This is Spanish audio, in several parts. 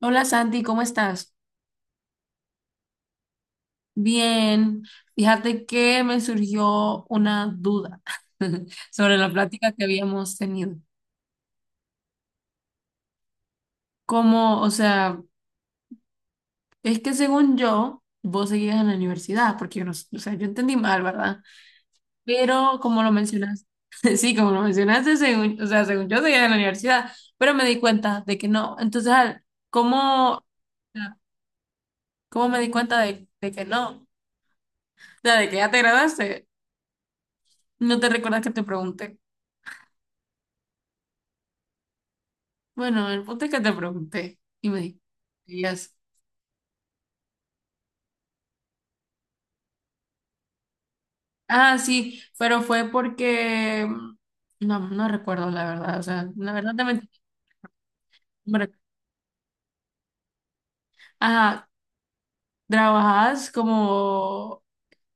Hola Santi, ¿cómo estás? Bien, fíjate que me surgió una duda sobre la plática que habíamos tenido. Como, o sea, es que según yo, vos seguías en la universidad, porque yo no, o sea, yo entendí mal, ¿verdad? Pero como lo mencionaste, sí, como lo mencionaste, según, o sea, según yo seguía en la universidad, pero me di cuenta de que no. Entonces, ¿cómo, cómo me di cuenta de que no? O sea, de que ya te graduaste, ¿no te recuerdas que te pregunté? Bueno, el punto es que te pregunté y me dijiste, ah, sí, pero fue porque, no, no recuerdo la verdad, o sea, la verdad te mentí. Hombre, ajá, trabajas como,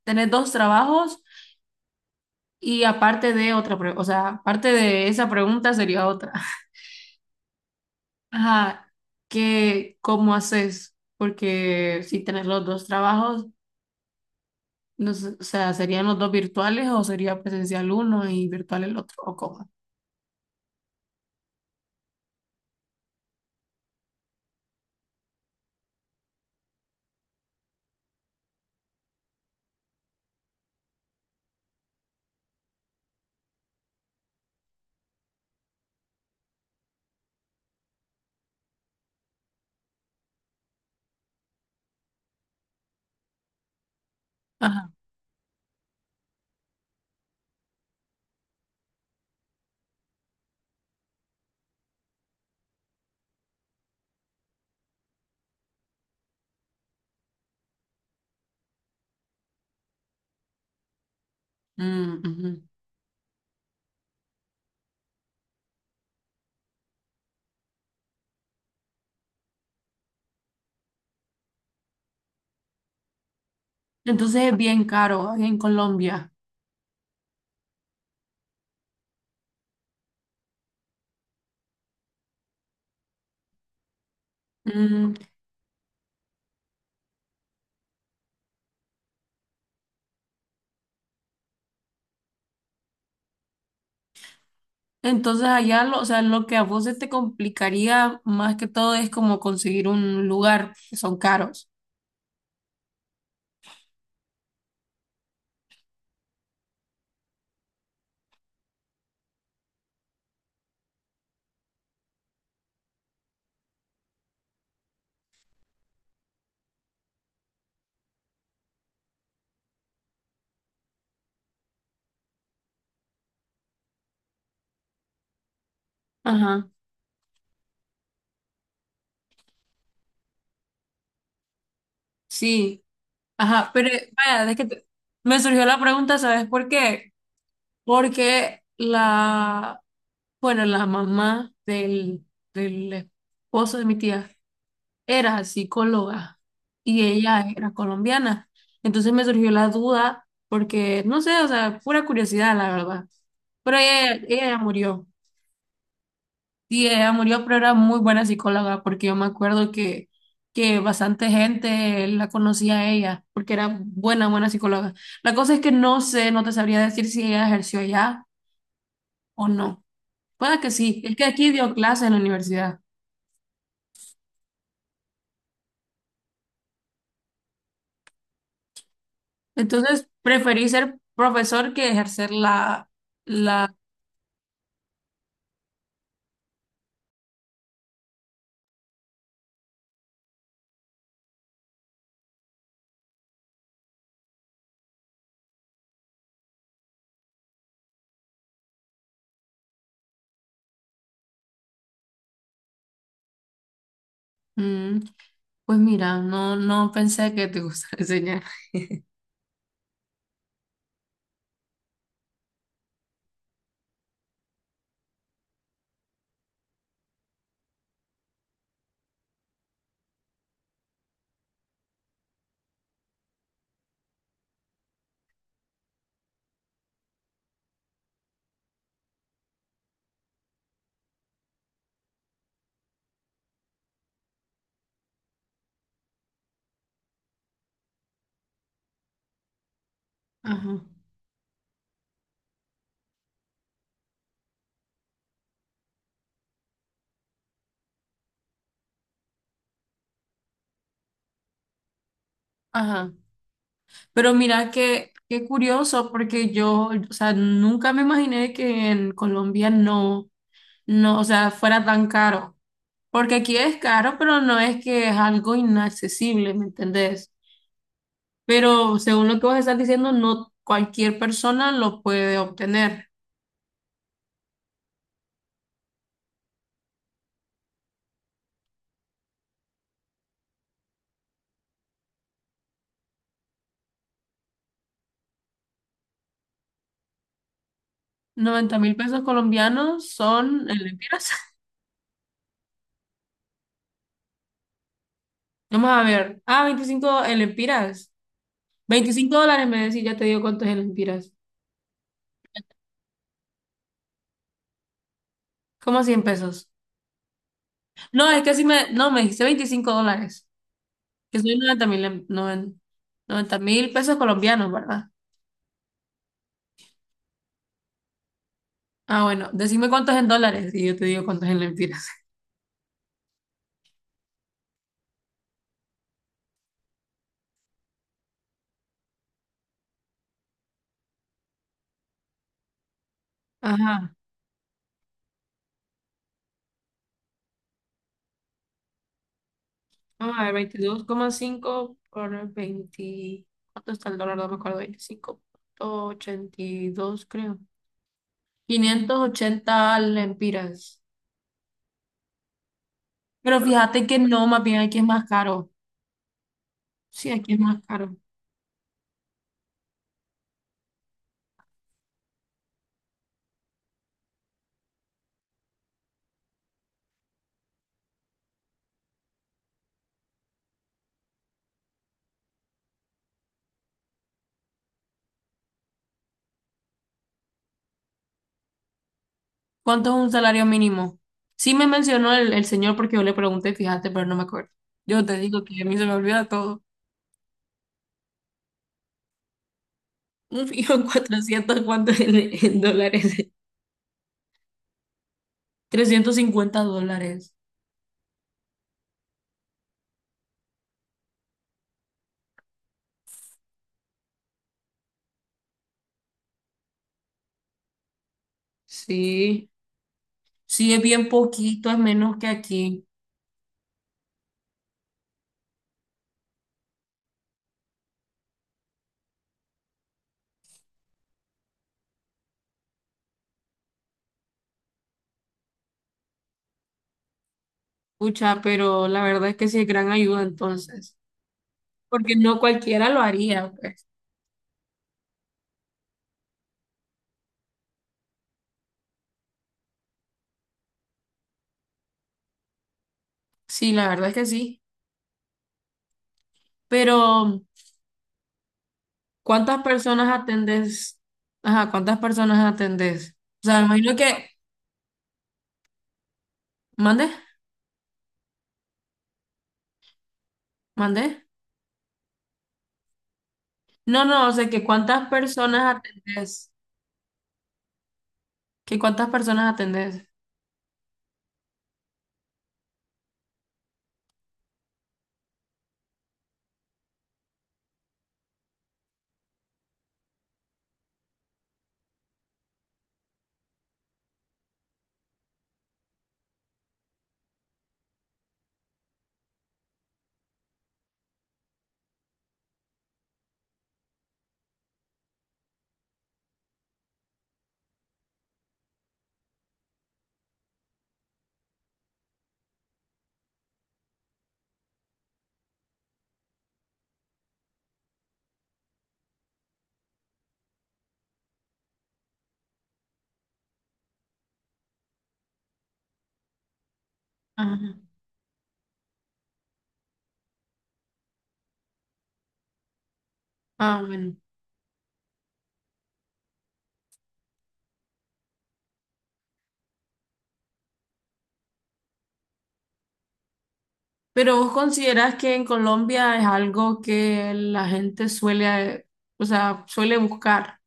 tenés dos trabajos y aparte de otra, o sea, aparte de esa pregunta sería otra. Ajá, que, ¿cómo haces? Porque si tenés los dos trabajos, no sé, o sea, ¿serían los dos virtuales o sería presencial uno y virtual el otro? ¿O cómo? Ajá. Mm, ujú. Entonces es bien caro aquí en Colombia. Mm, entonces allá lo, o sea, lo que a vos se te complicaría más que todo es como conseguir un lugar, que son caros. Ajá, sí, ajá, pero vaya, es que me surgió la pregunta, ¿sabes por qué? Porque bueno, la mamá del esposo de mi tía era psicóloga y ella era colombiana. Entonces me surgió la duda porque, no sé, o sea, pura curiosidad, la verdad. Pero ella ya murió. Sí, ella murió, pero era muy buena psicóloga porque yo me acuerdo que, bastante gente la conocía a ella porque era buena, buena psicóloga. La cosa es que no sé, no te sabría decir si ella ejerció allá o no. Puede que sí, es que aquí dio clases en la universidad. Entonces preferí ser profesor que ejercer la, la Mm, pues mira, no, no pensé que te gustara enseñar. Ajá. Ajá. Pero mira que qué curioso, porque yo, o sea, nunca me imaginé que en Colombia no, no, o sea, fuera tan caro. Porque aquí es caro, pero no es que es algo inaccesible, ¿me entendés? Pero según lo que vos estás diciendo, no cualquier persona lo puede obtener. 90,000 pesos colombianos, ¿son en lempiras? Vamos a ver. Ah, ¿25 en lempiras? $25 me decís, ya te digo cuánto es en lempiras. ¿Cómo 100 pesos? No, es que si me, no, me dijiste $25, que soy 90 mil pesos colombianos, ¿verdad? Ah, bueno, decime cuánto es en dólares y yo te digo cuánto es en lempiras. Ajá, vamos a ver, 22,5 por 20, ¿cuánto está el dólar? No me acuerdo, 25.82 creo. 580 lempiras. Pero fíjate que no, más bien aquí es más caro. Sí, aquí es más caro. ¿Cuánto es un salario mínimo? Sí me mencionó el señor porque yo le pregunté, fíjate, pero no me acuerdo. Yo te digo que a mí se me olvida todo. Un fijo en 400, ¿cuánto en dólares? $350. Sí, sí es bien poquito, es menos que aquí. Pucha, pero la verdad es que sí es gran ayuda entonces. Porque no cualquiera lo haría, pues. Sí, la verdad es que sí. Pero, ¿cuántas personas atendés? Ajá, ¿cuántas personas atendés? O sea, me imagino que. ¿Mande? ¿Mandé? No, no, o sea, que cuántas personas atendés. Que cuántas personas atendés. Ajá. Ah, bueno. Pero vos considerás que en Colombia es algo que la gente suele, o sea, suele buscar.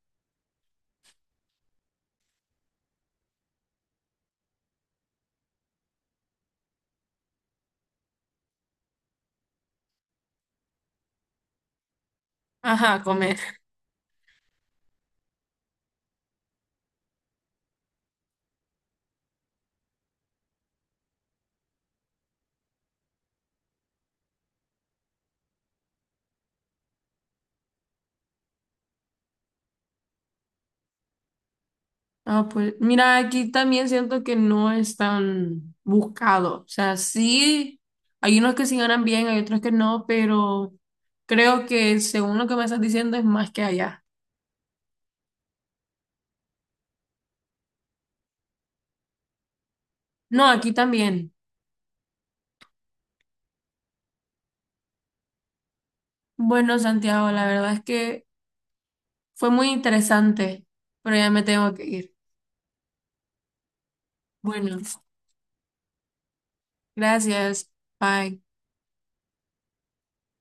Ajá, comer. Ah, pues mira, aquí también siento que no es tan buscado. O sea, sí, hay unos que sí ganan bien, hay otros que no, pero creo que según lo que me estás diciendo es más que allá. No, aquí también. Bueno, Santiago, la verdad es que fue muy interesante, pero ya me tengo que ir. Bueno, gracias. Bye.